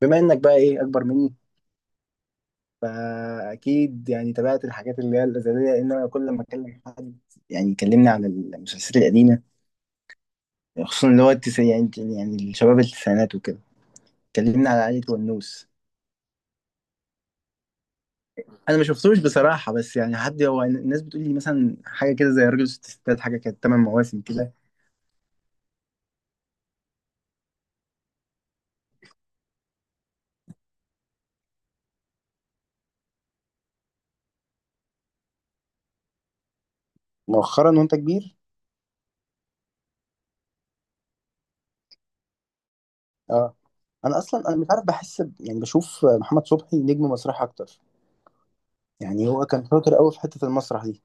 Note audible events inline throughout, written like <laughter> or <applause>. بما انك بقى ايه اكبر مني، فاكيد يعني تابعت الحاجات اللي هي الازليه، لان انا كل ما اكلم حد يعني يكلمني عن المسلسلات القديمه، خصوصا اللي هو التسعين. يعني الشباب التسعينات وكده كلمني على عائله ونوس. انا ما شفتوش بصراحه، بس يعني حد، هو الناس بتقول لي مثلا حاجه كده زي راجل وست ستات، حاجه كانت ثمان مواسم كده. مؤخرا وانت كبير. اه انا اصلا مش عارف، بحس يعني بشوف محمد صبحي نجم مسرح اكتر، يعني هو كان شاطر قوي في حته المسرح دي.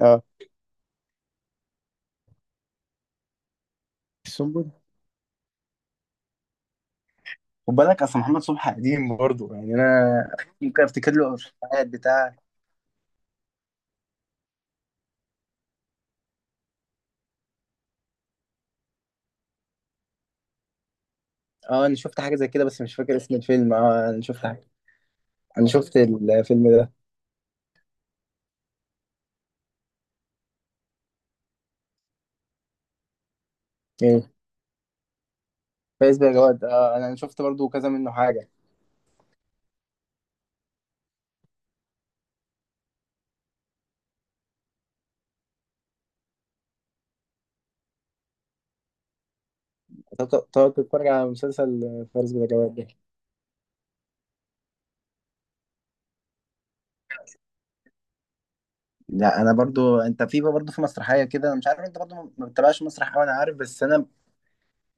اه السنبل. خد بالك اصل محمد صبحي قديم برضه، يعني انا ممكن افتكر له الحاجات بتاع. اه انا شفت حاجه زي كده، بس مش فاكر اسم الفيلم. اه انا شفت حاجه، انا شفت الفيلم ده. يعني فارس بلا جواد، اه انا شفت برضه كذا منه حاجه. تقعد تتفرج على مسلسل فارس بلا جواد ده. لا انا برضو، انت في برضو في مسرحيه كده، انا مش عارف انت برضو ما بتتابعش مسرح قوي، انا عارف. بس انا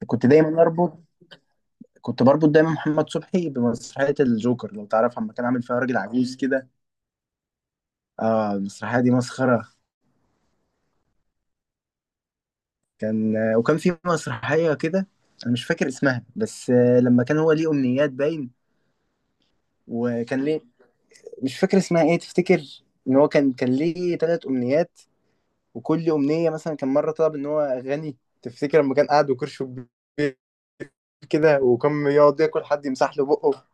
كنت دايما اربط كنت بربط دايما محمد صبحي بمسرحيه الجوكر، لو تعرف، لما كان عامل فيها راجل عجوز كده. اه المسرحيه دي مسخره. كان، وكان في مسرحية كده أنا مش فاكر اسمها، بس لما كان هو ليه أمنيات، باين، وكان ليه، مش فاكر اسمها إيه، تفتكر؟ إن هو كان ليه تلات أمنيات، وكل أمنية مثلا، كان مرة طلب إن هو غني، تفتكر لما كان قاعد وكرشه كبير كده، وكان يقعد ياكل حد يمسح له بقه.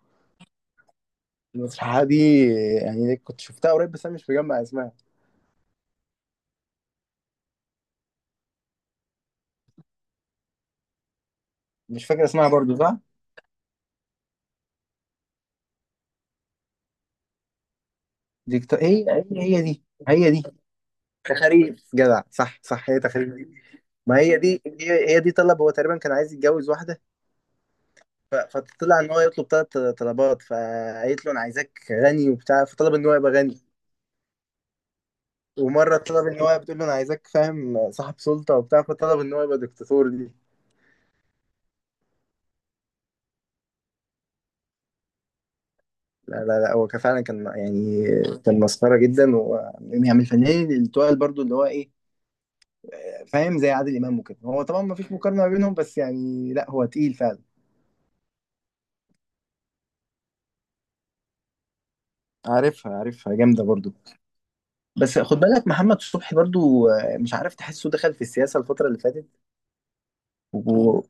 المسرحية دي يعني كنت شفتها قريب، بس أنا مش مجمع اسمها. مش فاكر اسمها برضو صح؟ هي هي دي، هي دي تخاريف، جدع، صح صح، هي تخاريف دي. ما هي دي، هي دي، طلب هو تقريبا كان عايز يتجوز واحدة، فطلع ان هو يطلب ثلاث طلبات، فقالت له انا عايزاك غني وبتاع، فطلب ان هو يبقى غني. ومرة طلب ان هو، بتقول له انا عايزاك فاهم صاحب سلطة وبتاع، فطلب ان هو يبقى دكتاتور دي. لا لا لا، هو كان فعلا كان يعني، كان مسخرة جدا، و يعني من الفنانين اللي تقال، برضو اللي هو ايه، فاهم، زي عادل امام وكده. هو طبعا ما فيش مقارنة ما بينهم، بس يعني لا، هو تقيل فعلا. عارفها، عارفها، جامدة برضو. بس خد بالك محمد صبحي برضو مش عارف، تحسه دخل في السياسة الفترة اللي فاتت و...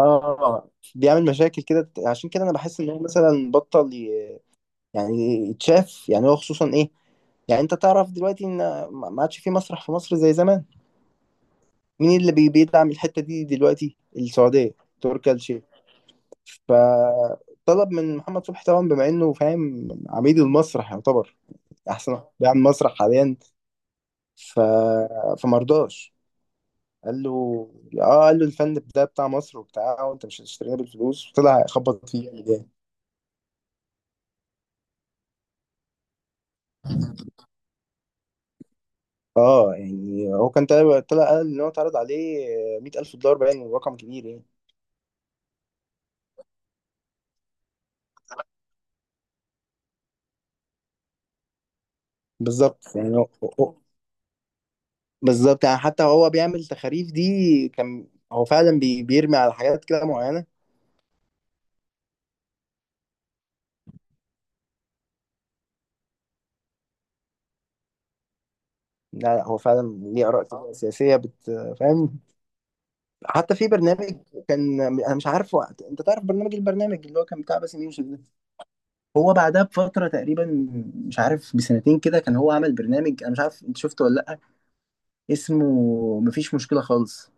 اه بيعمل مشاكل كده، عشان كده انا بحس ان هو مثلا بطل يعني يتشاف، يعني هو خصوصا ايه، يعني انت تعرف دلوقتي ان ما عادش في مسرح في مصر زي زمان. مين اللي بيدعم الحتة دي دلوقتي؟ السعودية، تركي آل الشيخ. فطلب من محمد صبحي طبعا، بما انه فاهم عميد المسرح يعتبر، احسن واحد بيعمل مسرح حاليا، ف... فمرضاش، قال له، اه قال له الفن ده بتاع مصر وبتاع، وانت مش هتشترينا بالفلوس، وطلع خبط فيه يعني جامد. اه يعني هو كان طلع قال ان هو اتعرض عليه $100,000، باين رقم كبير يعني. بالظبط يعني هو- بالظبط، يعني حتى هو بيعمل تخاريف دي، كان هو فعلا بيرمي على حاجات كده معينة. لا لا، هو فعلا ليه آراء كده سياسية، فاهم؟ حتى في برنامج، كان أنا مش عارفه، انت تعرف البرنامج اللي هو كان بتاع باسم يوسف ده، هو بعدها بفترة تقريبا، مش عارف بسنتين كده، كان هو عمل برنامج، انا مش عارف انت شفته ولا لأ، اسمه، مفيش مشكلة خالص.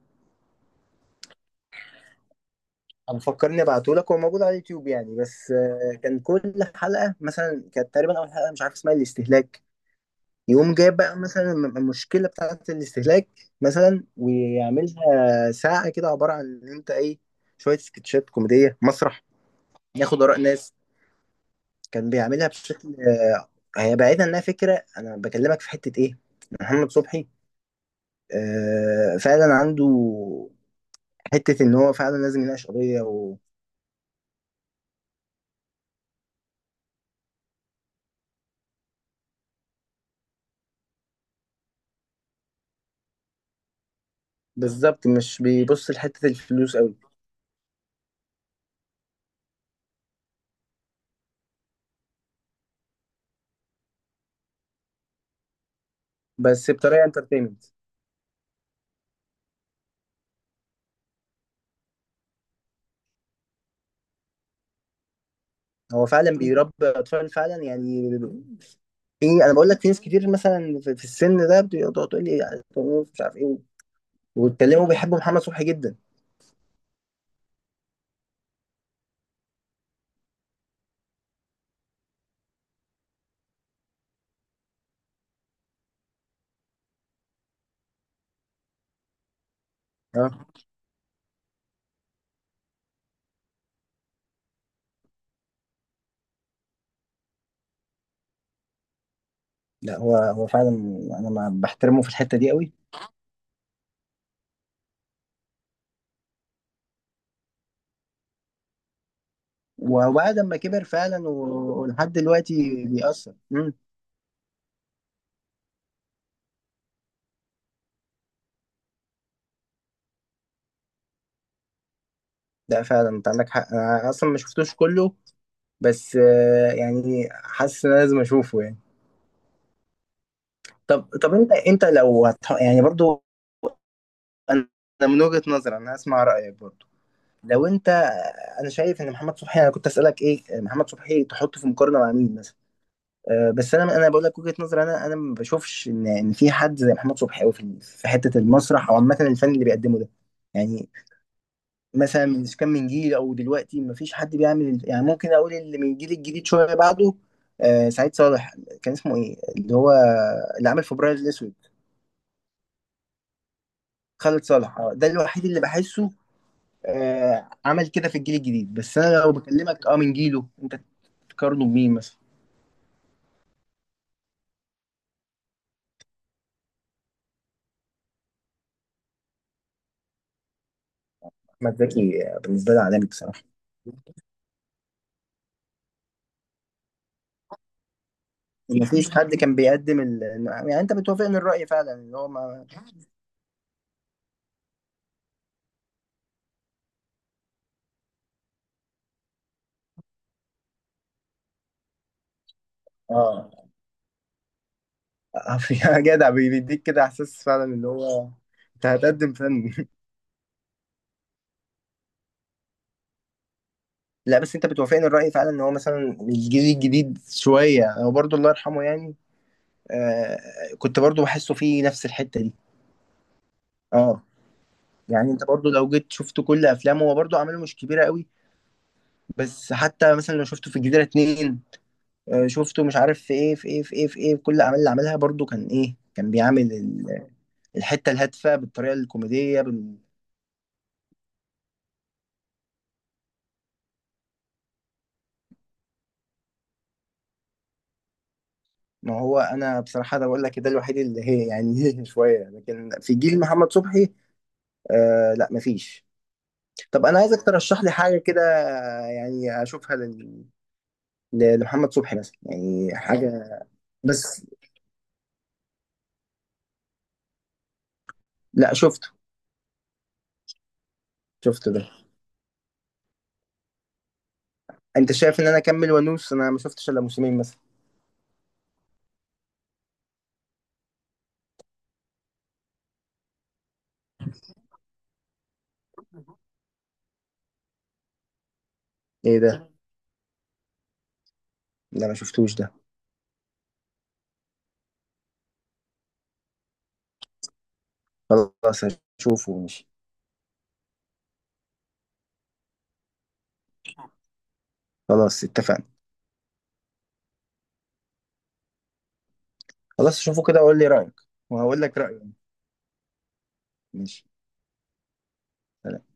انا فكرني ابعته لك، هو موجود على اليوتيوب يعني، بس كان كل حلقة مثلا، كانت تقريبا، اول حلقة مش عارف اسمها الاستهلاك، يقوم جايب بقى مثلا المشكلة بتاعة الاستهلاك مثلا، ويعملها ساعة كده، عبارة عن ان انت ايه، شوية سكتشات كوميدية مسرح، ياخد آراء ناس، كان بيعملها بشكل هي بعيدا انها فكرة، انا بكلمك في حتة ايه، محمد صبحي فعلا عنده حتة إن هو فعلا لازم يناقش قضية، وبالظبط مش بيبص لحتة الفلوس أوي، بس بطريقة انترتينمنت، هو فعلا بيربي أطفال فعلا يعني. في، أنا بقول لك في ناس كتير مثلا في في السن ده بتقعد تقول لي مش عارف إيه، ويتكلموا بيحبوا محمد صبحي جدا. أه لا، هو فعلا أنا ما بحترمه في الحتة دي أوي، وبعد ما كبر فعلا ولحد دلوقتي بيأثر. مم. لا فعلا أنت عندك حق، أنا أصلا ما شفتوش كله، بس يعني حاسس ان أنا لازم اشوفه يعني. طب انت لو يعني برضو، انا من وجهة نظري، انا اسمع رايك برضو، لو انت، انا شايف ان محمد صبحي، انا كنت اسالك ايه، محمد صبحي تحطه في مقارنه مع مين مثلا؟ أه بس انا بقول لك وجهة نظري، انا ما بشوفش ان في حد زي محمد صبحي قوي في حته المسرح، او عامه الفن اللي بيقدمه ده يعني، مثلا من كان من جيل، او دلوقتي مفيش حد بيعمل، يعني ممكن اقول اللي من الجيل الجديد شويه بعده، سعيد صالح، كان اسمه ايه اللي هو، اللي عمل فبراير الاسود، خالد صالح، ده الوحيد اللي بحسه عمل كده في الجيل الجديد. بس انا لو بكلمك اه من جيله انت، تقارنه بمين مثلا؟ احمد زكي بالنسبه لي عالمي بصراحه، مفيش حد كان بيقدم يعني انت بتوافقني الراي فعلا اللي هو ما... اه <laughs> يا جدع، بيديك كده احساس فعلا اللي هو، انت هتقدم فن. لا بس انت بتوافقني الرأي فعلا ان هو مثلا الجيل الجديد شوية، هو برضو الله يرحمه يعني، آه كنت برضو بحسه فيه نفس الحتة دي. اه يعني انت برضو لو جيت شفت كل افلامه، هو برضو اعماله مش كبيرة قوي، بس حتى مثلا لو شفته في الجزيرة اتنين، شفته مش عارف في ايه في ايه في ايه في ايه، في كل الاعمال اللي عملها برضو، كان ايه، كان بيعمل الحتة الهادفة بالطريقة الكوميدية ما هو انا بصراحة ده بقول لك ده الوحيد اللي هي يعني <laughs> شوية، لكن في جيل محمد صبحي لا مفيش. طب انا عايزك ترشح لي حاجه كده، يعني اشوفها لمحمد صبحي مثلا، يعني حاجه، بس، لا شفته ده. انت شايف ان انا اكمل وانوس؟ انا ما شفتش الا موسمين مثلا. ايه ده؟ ده ما شفتوش ده. خلاص هشوفه، ماشي. خلاص اتفقنا. خلاص شوفه كده وقول لي رايك، وهقول لك رايي. ماشي، سلام.